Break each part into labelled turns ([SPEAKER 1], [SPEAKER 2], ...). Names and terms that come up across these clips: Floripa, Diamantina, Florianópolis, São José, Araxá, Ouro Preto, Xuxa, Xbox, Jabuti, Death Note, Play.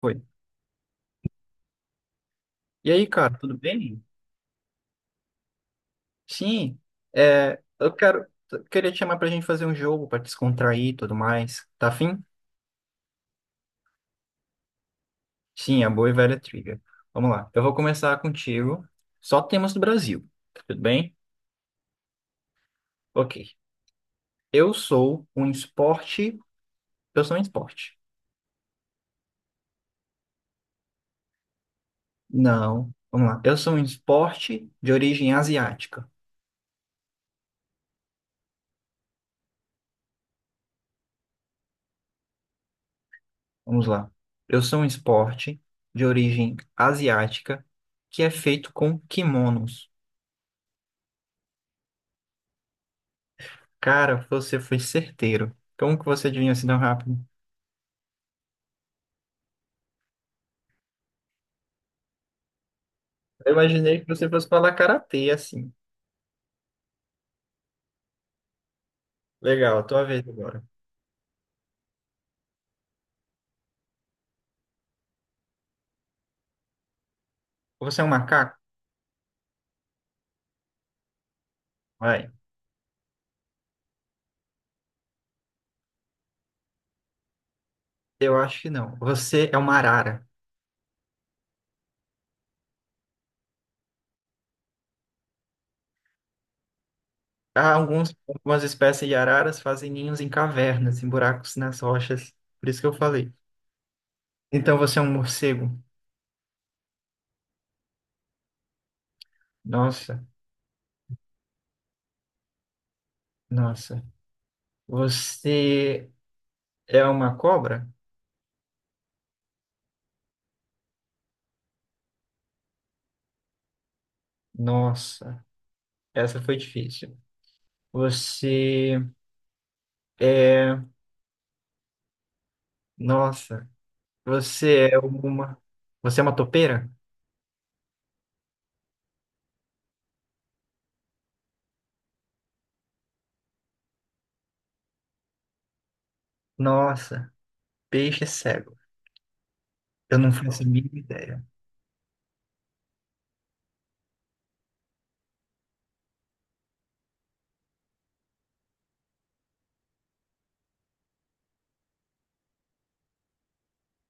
[SPEAKER 1] Foi. E aí, cara, tudo bem? Sim, eu queria te chamar pra gente fazer um jogo pra descontrair e tudo mais. Tá afim? Sim, a boa e velha trivia. Vamos lá, eu vou começar contigo. Só temas do Brasil, tá tudo bem? Ok. Eu sou um esporte. Eu sou um esporte. Não, vamos lá. Eu sou um esporte de origem asiática. Vamos lá. Eu sou um esporte de origem asiática que é feito com kimonos. Cara, você foi certeiro. Como que você adivinhou assim tão rápido? Eu imaginei que você fosse falar karatê assim. Legal, tua vez agora. Você é um macaco? Vai. Eu acho que não. Você é uma arara. Algumas espécies de araras fazem ninhos em cavernas, em buracos nas rochas. Por isso que eu falei. Então você é um morcego? Nossa, nossa. Você é uma cobra? Nossa, essa foi difícil. Você é. Nossa. Você é uma. Você é uma topeira? Nossa, peixe é cego. Eu não faço a mínima ideia.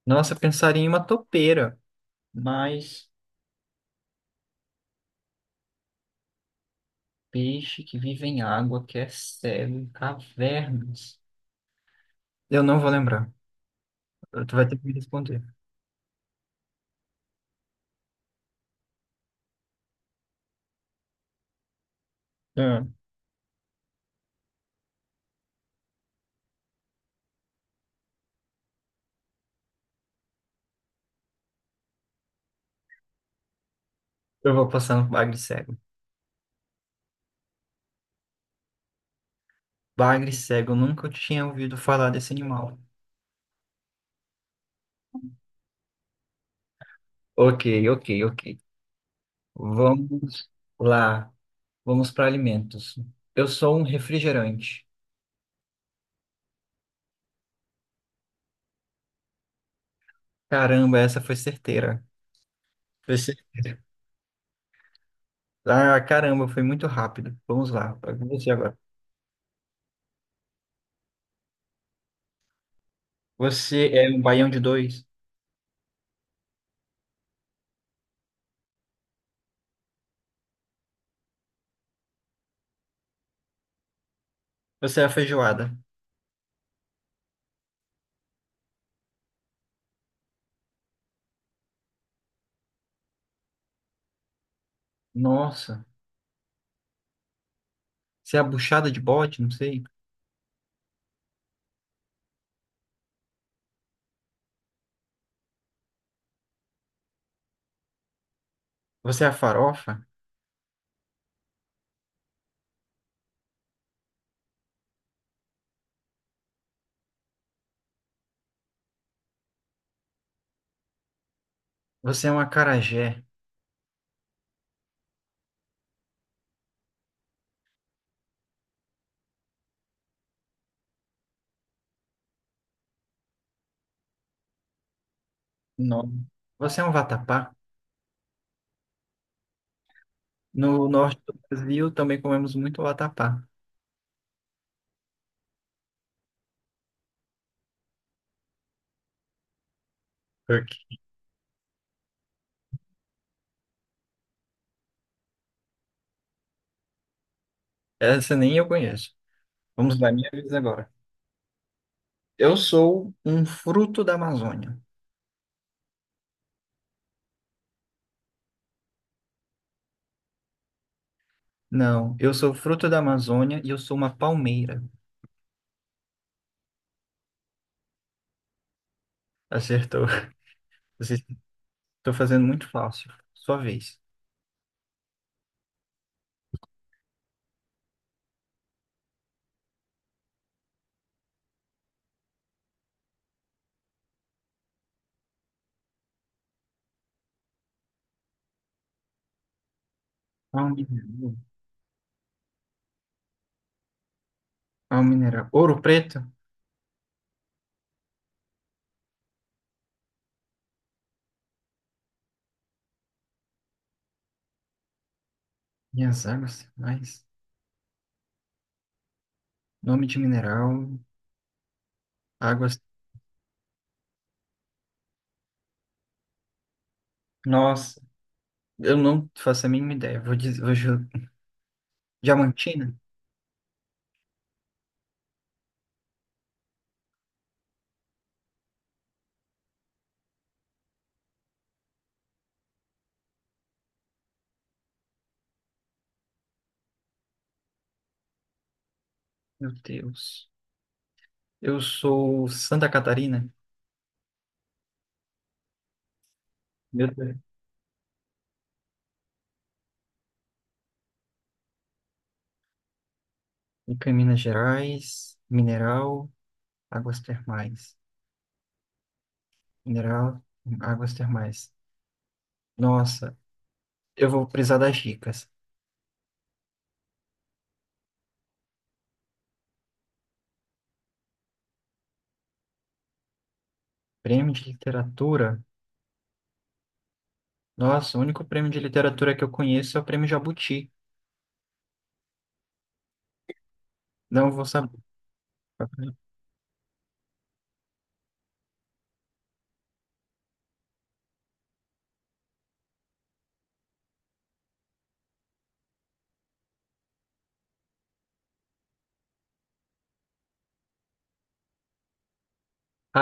[SPEAKER 1] Nossa, eu pensaria em uma topeira, mas peixe que vive em água, que é cego, em cavernas. Eu não vou lembrar. Tu vai ter que me responder. É. Eu vou passar no bagre cego. Bagre cego, eu nunca tinha ouvido falar desse animal. Ok, ok, ok. Vamos lá. Vamos para alimentos. Eu sou um refrigerante. Caramba, essa foi certeira. Você... Ah, caramba, foi muito rápido. Vamos lá, é com você agora. Você é um baião de dois? Você é a feijoada? Nossa. Você é a buchada de bode? Não sei. Você é a farofa? Você é um acarajé? Não. Você é um vatapá? No norte do Brasil também comemos muito vatapá. Porque essa nem eu conheço. Vamos lá, minha vez agora. Eu sou um fruto da Amazônia. Não, eu sou fruto da Amazônia e eu sou uma palmeira. Acertou. Você tô fazendo muito fácil. Sua vez. Há um mineral. Há um mineral. Ouro preto? Minhas águas mais. Nome de mineral. Águas. Nossa, eu não faço a mínima ideia. Vou dizer. Diamantina? Meu Deus. Eu sou Santa Catarina. Meu Deus. Fica em Minas Gerais. Mineral. Águas termais. Mineral. Águas termais. Nossa, eu vou precisar das dicas. Prêmio de literatura. Nossa, o único prêmio de literatura que eu conheço é o prêmio Jabuti. Não vou saber.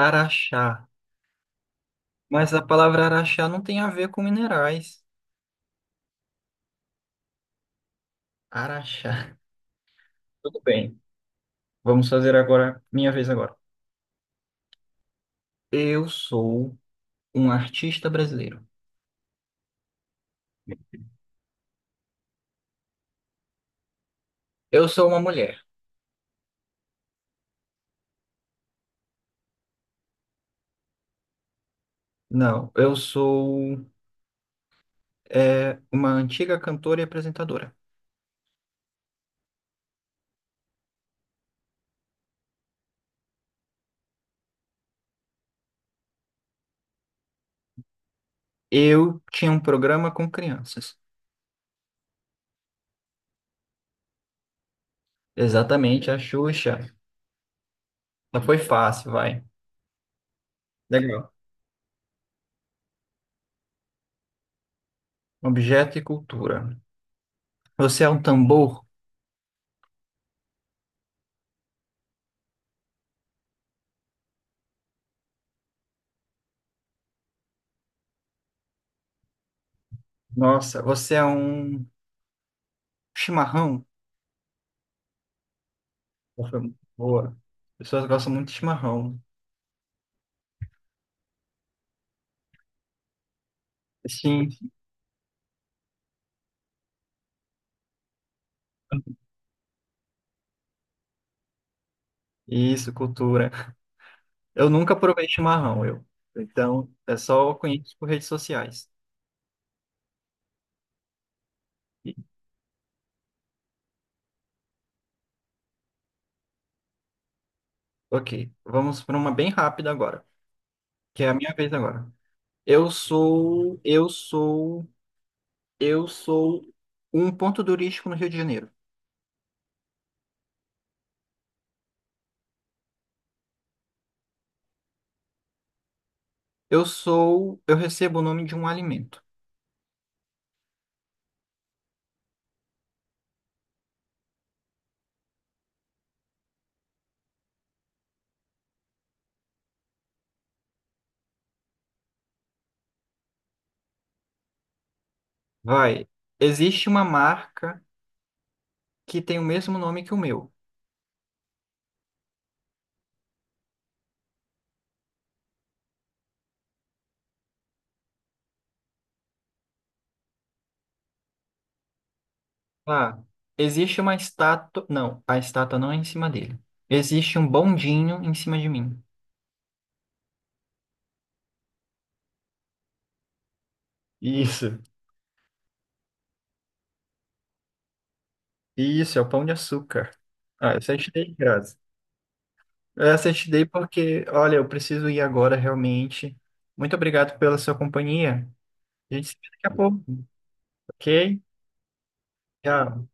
[SPEAKER 1] Araxá. Mas a palavra araxá não tem a ver com minerais. Araxá. Tudo bem. Vamos fazer agora, minha vez agora. Eu sou um artista brasileiro. Eu sou uma mulher. Não, eu sou uma antiga cantora e apresentadora. Eu tinha um programa com crianças. Exatamente, a Xuxa. Mas foi fácil, vai. Legal. Objeto e cultura. Você é um tambor? Nossa, você é um chimarrão? Eu falei, boa. As pessoas gostam muito de chimarrão. Sim, isso, cultura. Eu nunca provei chimarrão, eu. Então, é só conheço por redes sociais. E- Ok, vamos para uma bem rápida agora, que é a minha vez agora. Eu sou, eu sou, eu sou um ponto turístico no Rio de Janeiro. Eu recebo o nome de um alimento. Vai, existe uma marca que tem o mesmo nome que o meu. Ah, existe uma estátua. Não, a estátua não é em cima dele. Existe um bondinho em cima de mim. Isso, isso, é o pão de açúcar. Ah, essa eu te dei de graça. Essa eu te dei porque, olha, eu preciso ir agora realmente. Muito obrigado pela sua companhia. A gente se vê daqui a pouco, ok? Tchau.